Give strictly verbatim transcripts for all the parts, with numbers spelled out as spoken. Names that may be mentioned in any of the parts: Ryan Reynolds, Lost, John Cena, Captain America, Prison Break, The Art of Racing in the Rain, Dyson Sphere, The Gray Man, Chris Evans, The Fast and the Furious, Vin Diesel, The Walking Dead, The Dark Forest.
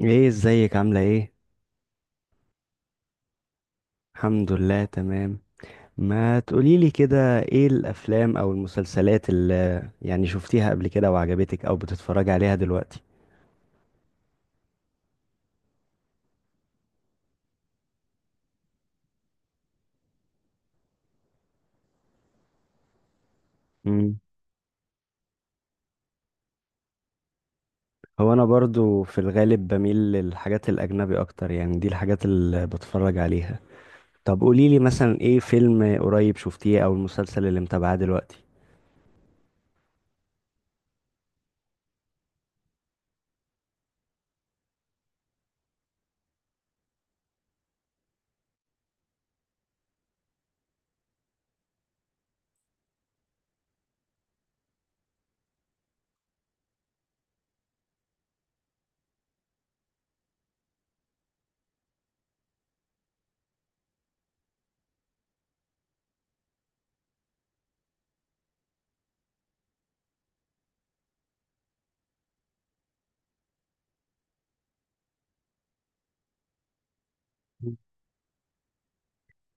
ايه ازيك عاملة ايه؟ الحمد لله تمام. ما تقوليلي كده ايه الافلام او المسلسلات اللي يعني شفتيها قبل كده وعجبتك او بتتفرجي عليها دلوقتي؟ مم. هو انا برضو في الغالب بميل للحاجات الاجنبي اكتر، يعني دي الحاجات اللي بتفرج عليها. طب قوليلي مثلا ايه فيلم قريب شفتيه او المسلسل اللي متابعاه دلوقتي؟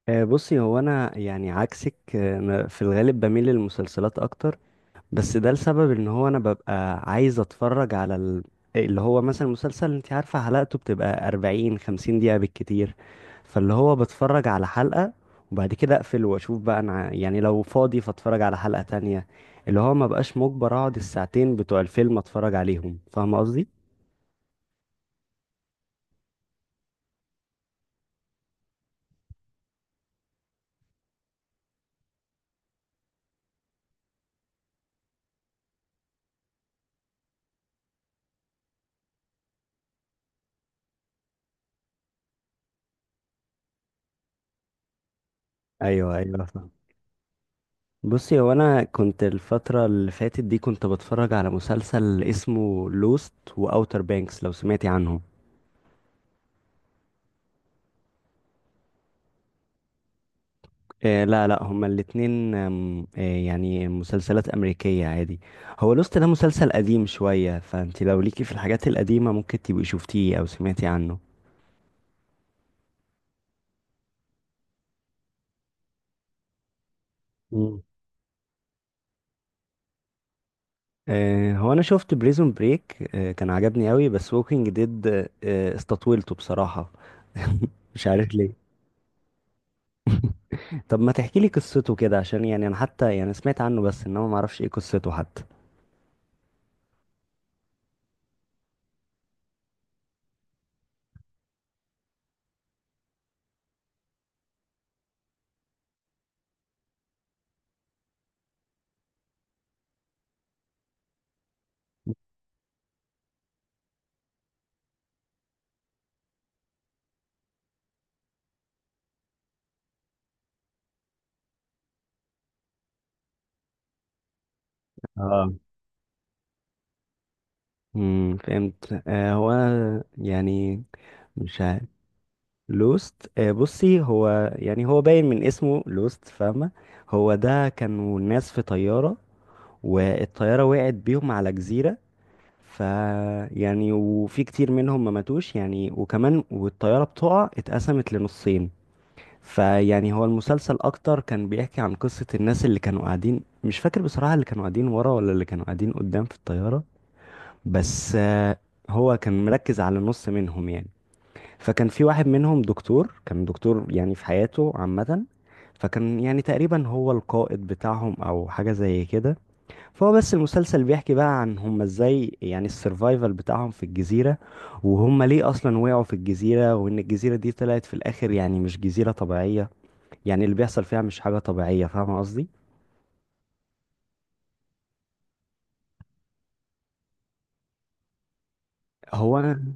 آه، بصي، هو انا يعني عكسك. آه، أنا في الغالب بميل للمسلسلات اكتر، بس ده لسبب ان هو انا ببقى عايز اتفرج على ال... اللي هو مثلا مسلسل، انت عارفة حلقته بتبقى أربعين خمسين دقيقة بالكتير، فاللي هو بتفرج على حلقة وبعد كده اقفل واشوف بقى انا ع- يعني لو فاضي فاتفرج على حلقة تانية، اللي هو ما بقاش مجبر اقعد الساعتين بتوع الفيلم اتفرج عليهم، فاهم قصدي؟ ايوه، ايوه، فاهم. بصي، هو انا كنت الفترة اللي فاتت دي كنت بتفرج على مسلسل اسمه لوست واوتر بانكس، لو سمعتي عنهم. آه، لا، لا، هما الاتنين. آم، آه يعني مسلسلات أمريكية عادي. هو لوست ده مسلسل قديم شوية، فانت لو ليكي في الحاجات القديمة ممكن تبقي شفتيه أو سمعتي عنه. مم. آه هو أنا شفت بريزون بريك، آه كان عجبني قوي، بس ووكينج ديد آه استطولته بصراحة. مش عارف ليه. طب ما تحكي لي قصته كده، عشان يعني أنا حتى يعني سمعت عنه، بس إنما ما أعرفش إيه قصته حتى. اه. امم فهمت. آه هو يعني. مش عارف. لوست، آه، بصي، هو يعني هو باين من اسمه لوست، فاهمة؟ هو ده كانوا الناس في طيارة، والطيارة وقعت بيهم على جزيرة. ف يعني وفي كتير منهم ما ماتوش، يعني وكمان والطيارة بتقع اتقسمت لنصين. فيعني هو المسلسل اكتر كان بيحكي عن قصة الناس اللي كانوا قاعدين، مش فاكر بصراحة اللي كانوا قاعدين ورا ولا اللي كانوا قاعدين قدام في الطيارة. بس آه، هو كان مركز على نص منهم يعني. فكان في واحد منهم دكتور، كان دكتور يعني في حياته عامة، فكان يعني تقريبا هو القائد بتاعهم او حاجة زي كده. فهو بس المسلسل بيحكي بقى عن هم ازاي، يعني السرفايفل بتاعهم في الجزيرة، وهم ليه اصلا وقعوا في الجزيرة، وان الجزيرة دي طلعت في الاخر يعني مش جزيرة طبيعية، يعني اللي بيحصل فيها مش حاجة طبيعية، فاهم قصدي؟ هو انا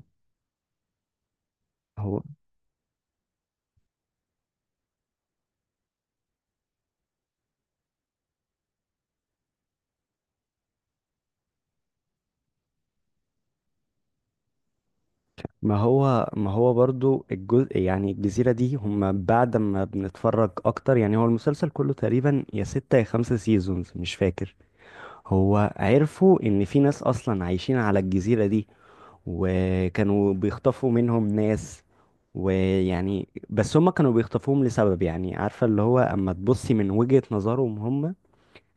هو ما هو ما هو برضو الجزء، يعني الجزيرة دي، هم بعد ما بنتفرج أكتر يعني هو المسلسل كله تقريبا يا ستة يا خمسة سيزونز، مش فاكر، هو عرفوا إن في ناس أصلا عايشين على الجزيرة دي، وكانوا بيخطفوا منهم ناس، ويعني بس هم كانوا بيخطفوهم لسبب، يعني عارفة اللي هو أما تبصي من وجهة نظرهم هم،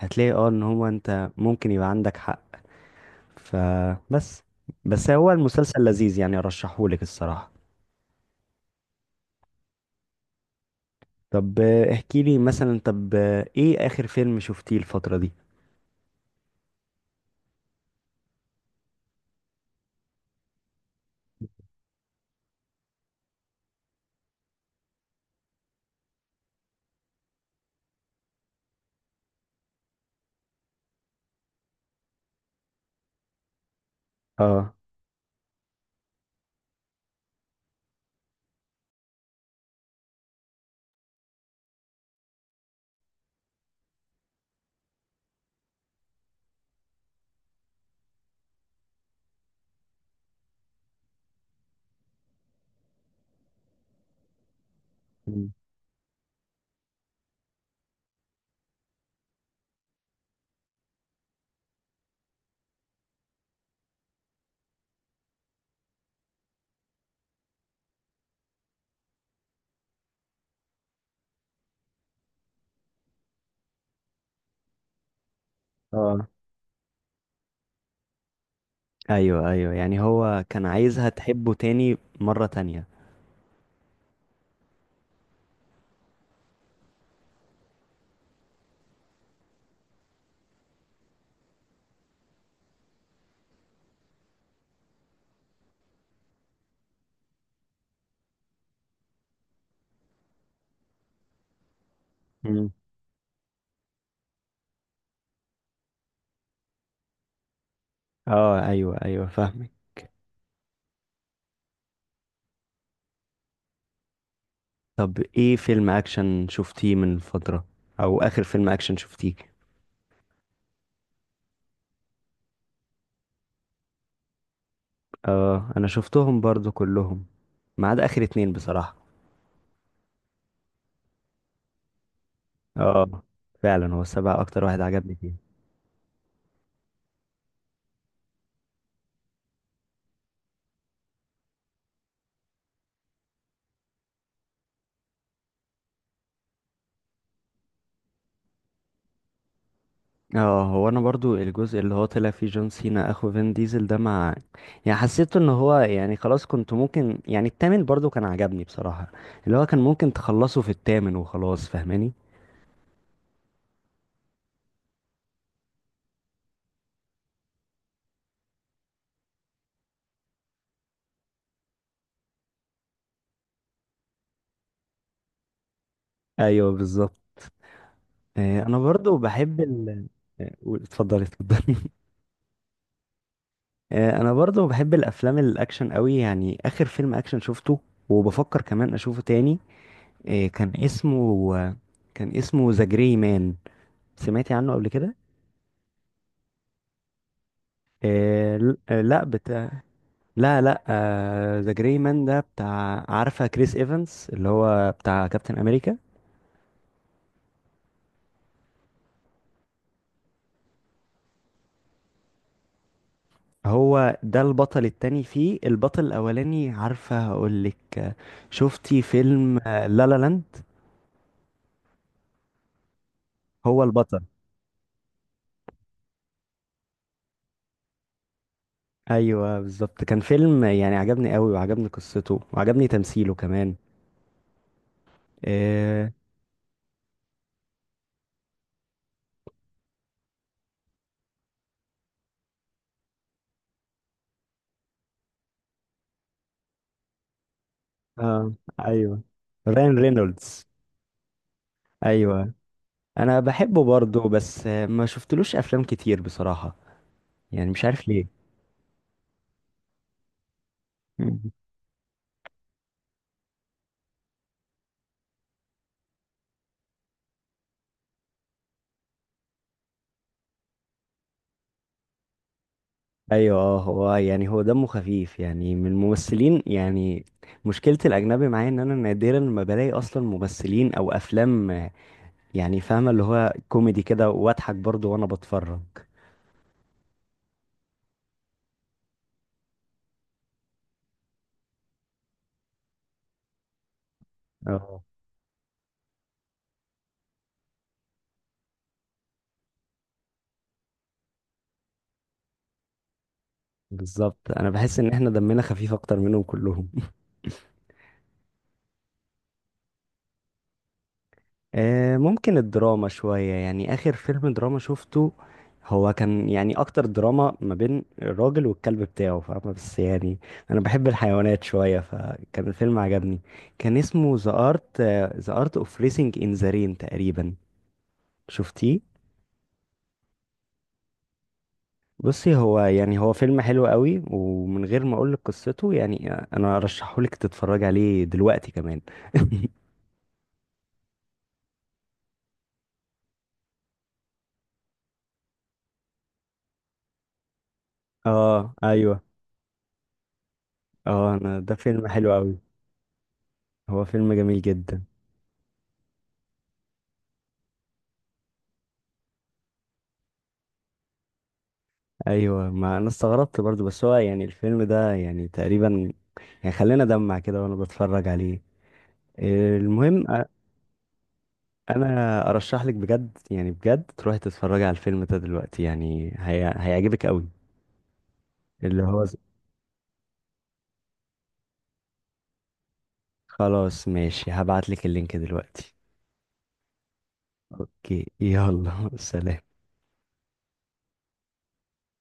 هتلاقي اه إن هو أنت ممكن يبقى عندك حق. فبس بس هو المسلسل لذيذ يعني، أرشحهولك الصراحة. طب آه، احكي لي مثلا طب آه، ايه اخر فيلم شفتيه الفترة دي؟ اه. مم. اه، ايوه، ايوه، يعني هو كان عايزها تحبه تاني مرة تانية. مم. اه، ايوه، ايوه، فاهمك. طب ايه فيلم اكشن شفتيه من فترة، او اخر فيلم اكشن شفتيه؟ اه، انا شفتهم برضو كلهم، ما عدا اخر اتنين بصراحة. اه، فعلا هو السبعة اكتر واحد عجبني فيه. اه، هو انا برضو الجزء اللي هو طلع فيه جون سينا اخو فين ديزل ده، مع، يعني حسيته ان هو، يعني خلاص، كنت ممكن يعني التامن برضو كان عجبني بصراحة، اللي هو كان ممكن تخلصه في التامن وخلاص، فاهماني؟ ايوه بالظبط. آه انا برضو بحب ال. آه، قول- اتفضلي، اتفضلي. آه انا برضو بحب الافلام الاكشن قوي، يعني اخر فيلم اكشن شفته وبفكر كمان اشوفه تاني، آه كان اسمه، كان اسمه ذا جري مان، سمعتي عنه قبل كده؟ آه ل- آه، لا، لا، لا. ذا جراي مان ده بتاع، عارفه كريس ايفانس اللي هو بتاع كابتن امريكا، هو ده البطل التاني فيه، البطل الاولاني عارفه، هقول لك، شفتي فيلم آه، لا لا لاند؟ هو البطل. ايوه بالظبط كان فيلم يعني عجبني قوي، وعجبني قصته، وعجبني تمثيله كمان. اه. آه ايوه. راين رينولدز. ايوه انا بحبه برضه، بس آه، ما شفتلوش افلام كتير بصراحه، يعني مش عارف ليه. ايوه، اه، هو يعني هو دمه خفيف يعني من الممثلين يعني، مشكلة الاجنبي معايا ان انا نادرا ما بلاقي اصلا ممثلين او افلام، يعني فاهمة اللي هو كوميدي كده واضحك برضو وانا بتفرج. اه بالظبط، انا بحس ان احنا دمنا خفيف اكتر منهم كلهم. آه، ممكن الدراما شوية، يعني آخر فيلم دراما شفته هو كان يعني أكتر دراما ما بين الراجل والكلب بتاعه، فاهمة؟ بس يعني أنا بحب الحيوانات شوية فكان الفيلم عجبني، كان اسمه The Art The Art of Racing in the Rain تقريبا. شفتيه؟ بصي، هو يعني هو فيلم حلو قوي، ومن غير ما أقولك قصته، يعني أنا أرشحهولك تتفرج عليه دلوقتي كمان. اه ايوه. اه انا ده فيلم حلو قوي، هو فيلم جميل جدا. ايوه، ما انا استغربت برضو، بس هو يعني الفيلم ده يعني تقريبا يعني خلينا دمع كده وانا بتفرج عليه. المهم أ- انا ارشح لك بجد، يعني بجد تروحي تتفرجي على الفيلم ده دلوقتي، يعني هي... هيعجبك قوي. اللي هو ز- خلاص ماشي، هبعت لك اللينك دلوقتي. اوكي، يلا. سلام.